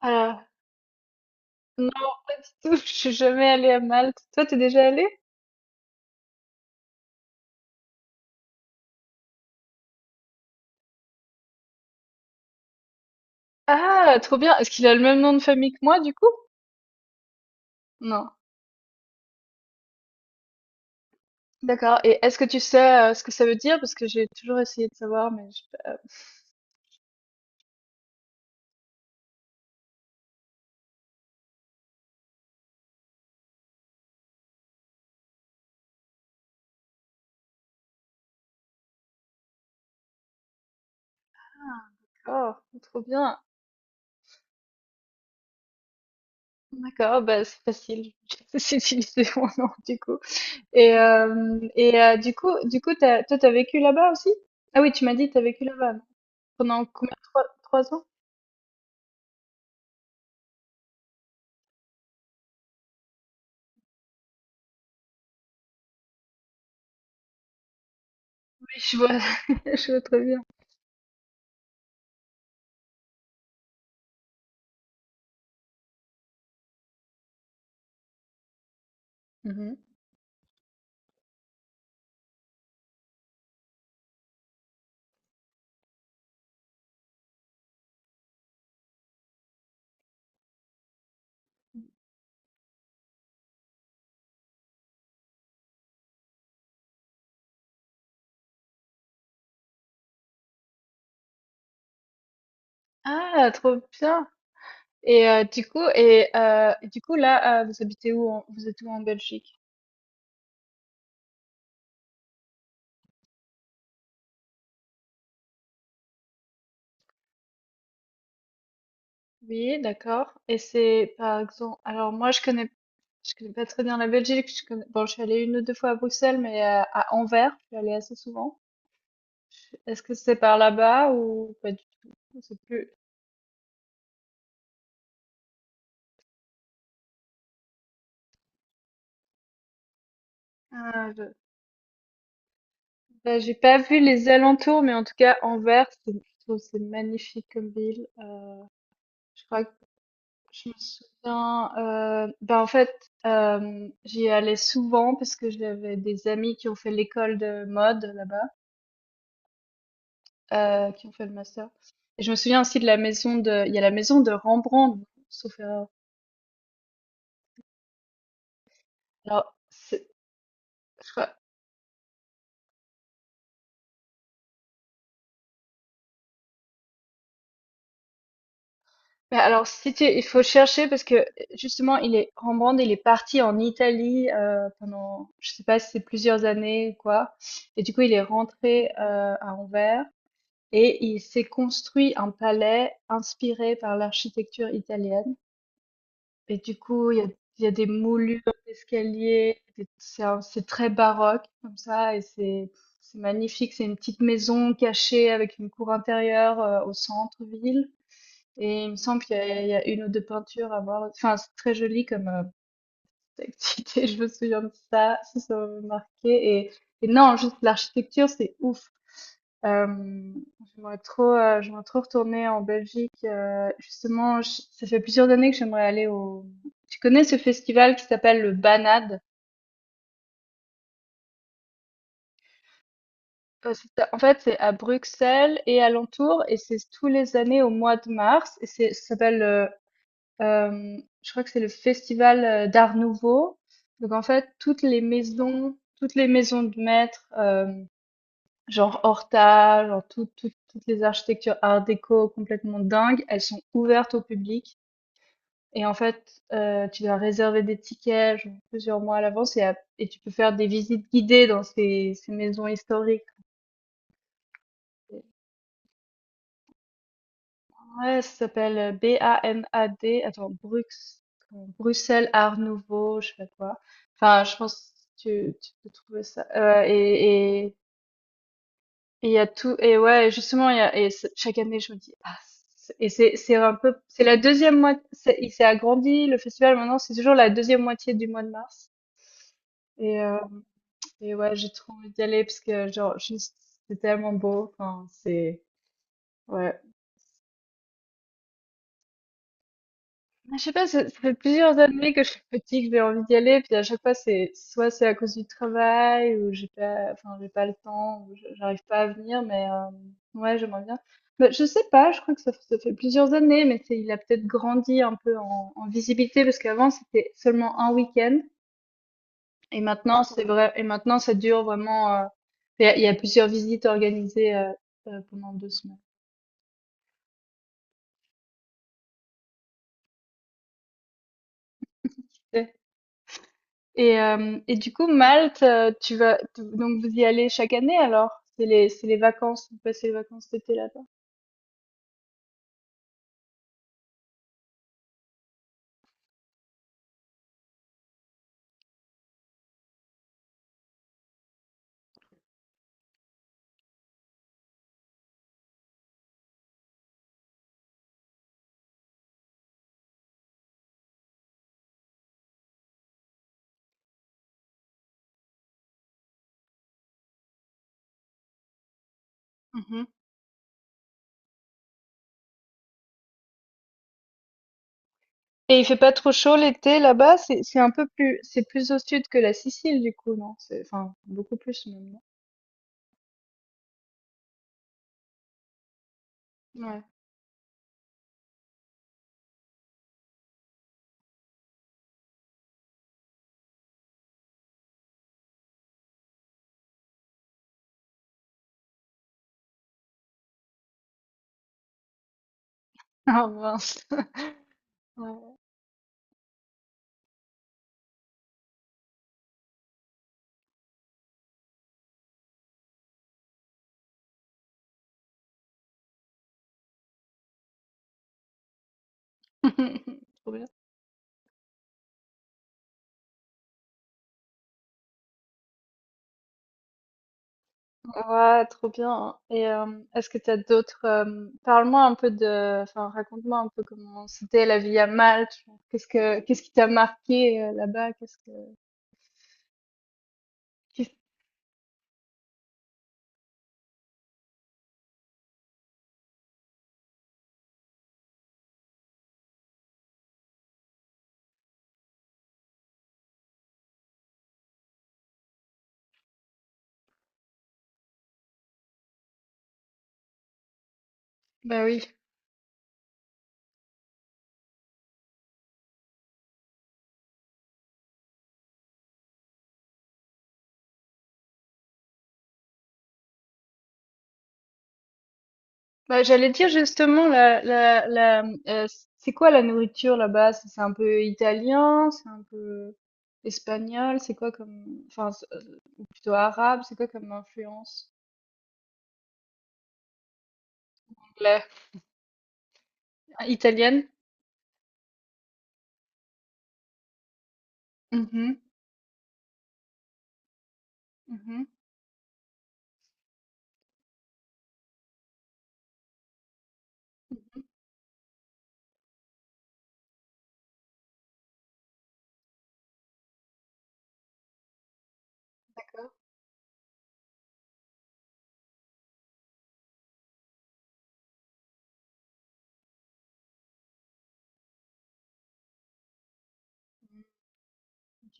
Ah, non, pas du tout. Je suis jamais allée à Malte. Toi, t'es déjà allée? Ah, trop bien. Est-ce qu'il a le même nom de famille que moi, du coup? Non. D'accord. Et est-ce que tu sais ce que ça veut dire? Parce que j'ai toujours essayé de savoir, mais je... d'accord. Trop bien. D'accord. Bah, c'est facile. J'ai juste utilisé mon nom, du coup. Du coup, toi, t'as vécu là-bas aussi? Ah oui, tu m'as dit que t'as vécu là-bas. Pendant combien? Trois ans? Oui, je vois. Je vois très bien. Mhm. Ah, trop bien. Et du coup, et du coup là, vous habitez où en- Vous êtes où en Belgique? Oui, d'accord. Et c'est par exemple. Alors moi, je connais pas très bien la Belgique. Je connais, bon, je suis allée une ou deux fois à Bruxelles, mais à Anvers, je suis allée assez souvent. Est-ce que c'est par là-bas ou pas du tout? Je sais plus. Ah, je- ben, j'ai pas vu les alentours, mais en tout cas, Anvers, c'est, je trouve que c'est magnifique comme ville. Je crois Je me souviens, bah, en fait, j'y allais souvent parce que j'avais des amis qui ont fait l'école de mode là-bas, qui ont fait le master et je me souviens aussi de la maison de il y a la maison de Rembrandt, sauf erreur. Alors c'est je crois Bah, alors si tu il faut chercher parce que, justement il est Rembrandt, il est parti en Italie, pendant je sais pas si c'est plusieurs années ou quoi, et du coup il est rentré, à Anvers. Et il s'est construit un palais inspiré par l'architecture italienne. Et du coup, il y a des moulures d'escaliers, c'est c'est très baroque comme ça, c'est magnifique. C'est une petite maison cachée avec une cour intérieure au centre-ville. Et il me semble qu'il y, a il y a une ou deux peintures à voir. Enfin, c'est très joli comme activité, je me souviens de ça, ça m'a marqué. Et, et non, juste l'architecture, c'est ouf. Euh, J'aimerais trop retourner en Belgique. Justement, ça fait plusieurs années que j'aimerais aller au. Tu connais ce festival qui s'appelle le Banade? En fait, c'est à Bruxelles et alentour, et c'est tous les années au mois de mars. Et c'est, ça s'appelle, euh, je crois que c'est le festival d'Art Nouveau. Donc en fait, toutes les maisons de maîtres, genre Horta, genre toutes les architectures Art déco complètement dingues, elles sont ouvertes au public. Et en fait, tu dois réserver des tickets, genre plusieurs mois à l'avance et tu peux faire des visites guidées dans ces maisons historiques. Ouais, ça s'appelle, B-A-N-A-D, attends, Bruxelles Art Nouveau, je sais pas quoi. Enfin, je pense que tu peux trouver ça, et il y a tout et ouais, justement, il y a et c chaque année, je me dis: «Ah». c et c'est un peu C'est la deuxième moitié. Il s'est agrandi, le festival, maintenant, c'est toujours la deuxième moitié du mois de mars et heu Et ouais, j'ai trop envie d'y aller parce que, genre, juste, c'est tellement beau. Enfin, c'est, ouais. Je sais pas, ça fait plusieurs années que je suis petite, que j'ai envie d'y aller. Puis à chaque fois, c'est, soit c'est à cause du travail, ou j'ai pas, enfin, j'ai pas le temps, ou j'arrive pas à venir, mais, ouais, j'aimerais bien. Mais je sais pas, je crois que ça fait plusieurs années, mais c'est, il a peut-être grandi un peu en, en visibilité parce qu'avant, c'était seulement un week-end. Et maintenant, c'est vrai, et maintenant, ça dure vraiment, il y a plusieurs visites organisées, pendant deux semaines. Fait. Et du coup, Malte, tu donc vous y allez chaque année alors? C'est les vacances, vous passez les vacances d'été là-bas. Mhm. Et il fait pas trop chaud l'été là-bas, c'est un peu plus, c'est plus au sud que la Sicile du coup, non? C'est enfin beaucoup plus même. Non. Ouais. Ah mince. Ouais. Trop bien. Ouais, trop bien. Et est-ce que tu as d'autres parle-moi un peu de enfin raconte-moi un peu comment c'était la vie à Malte. Genre, qu'est-ce que qu'est-ce qui t'a marqué là-bas? Qu'est-ce que Bah oui. Bah, j'allais dire justement la la la euh, c'est quoi la nourriture là-bas? C'est un peu italien, c'est un peu espagnol, c'est quoi comme enfin plutôt arabe, c'est quoi comme influence? Anglais. Ah, italienne? Mhm, mhm. D'accord.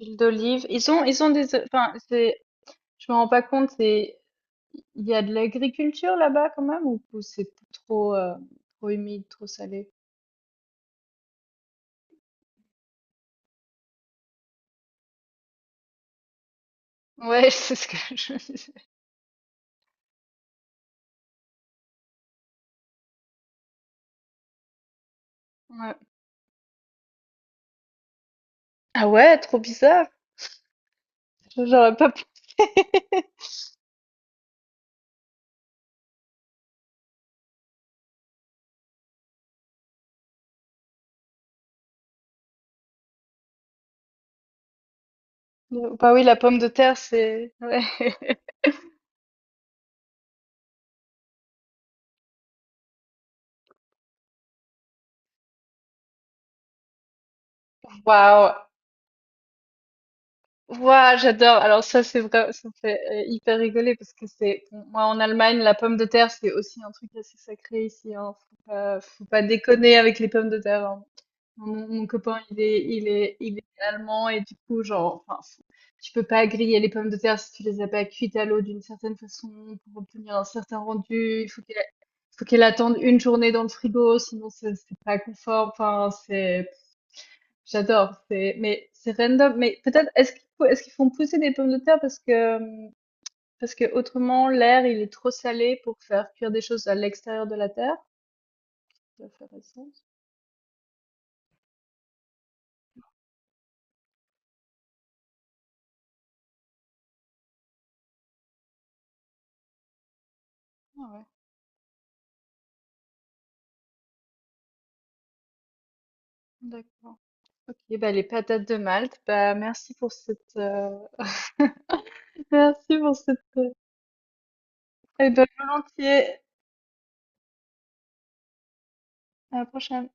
Huile d'olive. Ils ont des enfin c'est je me rends pas compte c'est il y a de l'agriculture là-bas quand même ou c'est trop trop humide, trop salé? Ouais, c'est ce que je me disais. Ouais. Ah ouais, trop bizarre. J'aurais pas pensé. Bah oui, la pomme de terre, c'est ouais. Waouh! Ouah, j'adore. Alors ça, c'est vrai, ça me fait hyper rigoler parce que c'est, bon, moi en Allemagne, la pomme de terre, c'est aussi un truc assez sacré ici. Hein. Faut pas déconner avec les pommes de terre. Hein. Enfin, mon copain, il est allemand et du coup, genre, enfin, tu peux pas griller les pommes de terre si tu les as pas cuites à l'eau d'une certaine façon pour obtenir un certain rendu. Faut qu'elle attende une journée dans le frigo, sinon c'est pas confort. Enfin, c'est J'adore, c'est mais c'est random, mais peut-être est-ce qu'ils font pousser des pommes de terre parce que autrement l'air il est trop salé pour faire cuire des choses à l'extérieur de la terre? Ça fait faire du sens. Ah ouais, d'accord. Ok, bah les patates de Malte, bah merci pour cette merci pour cette. Et ben volontiers. À la prochaine.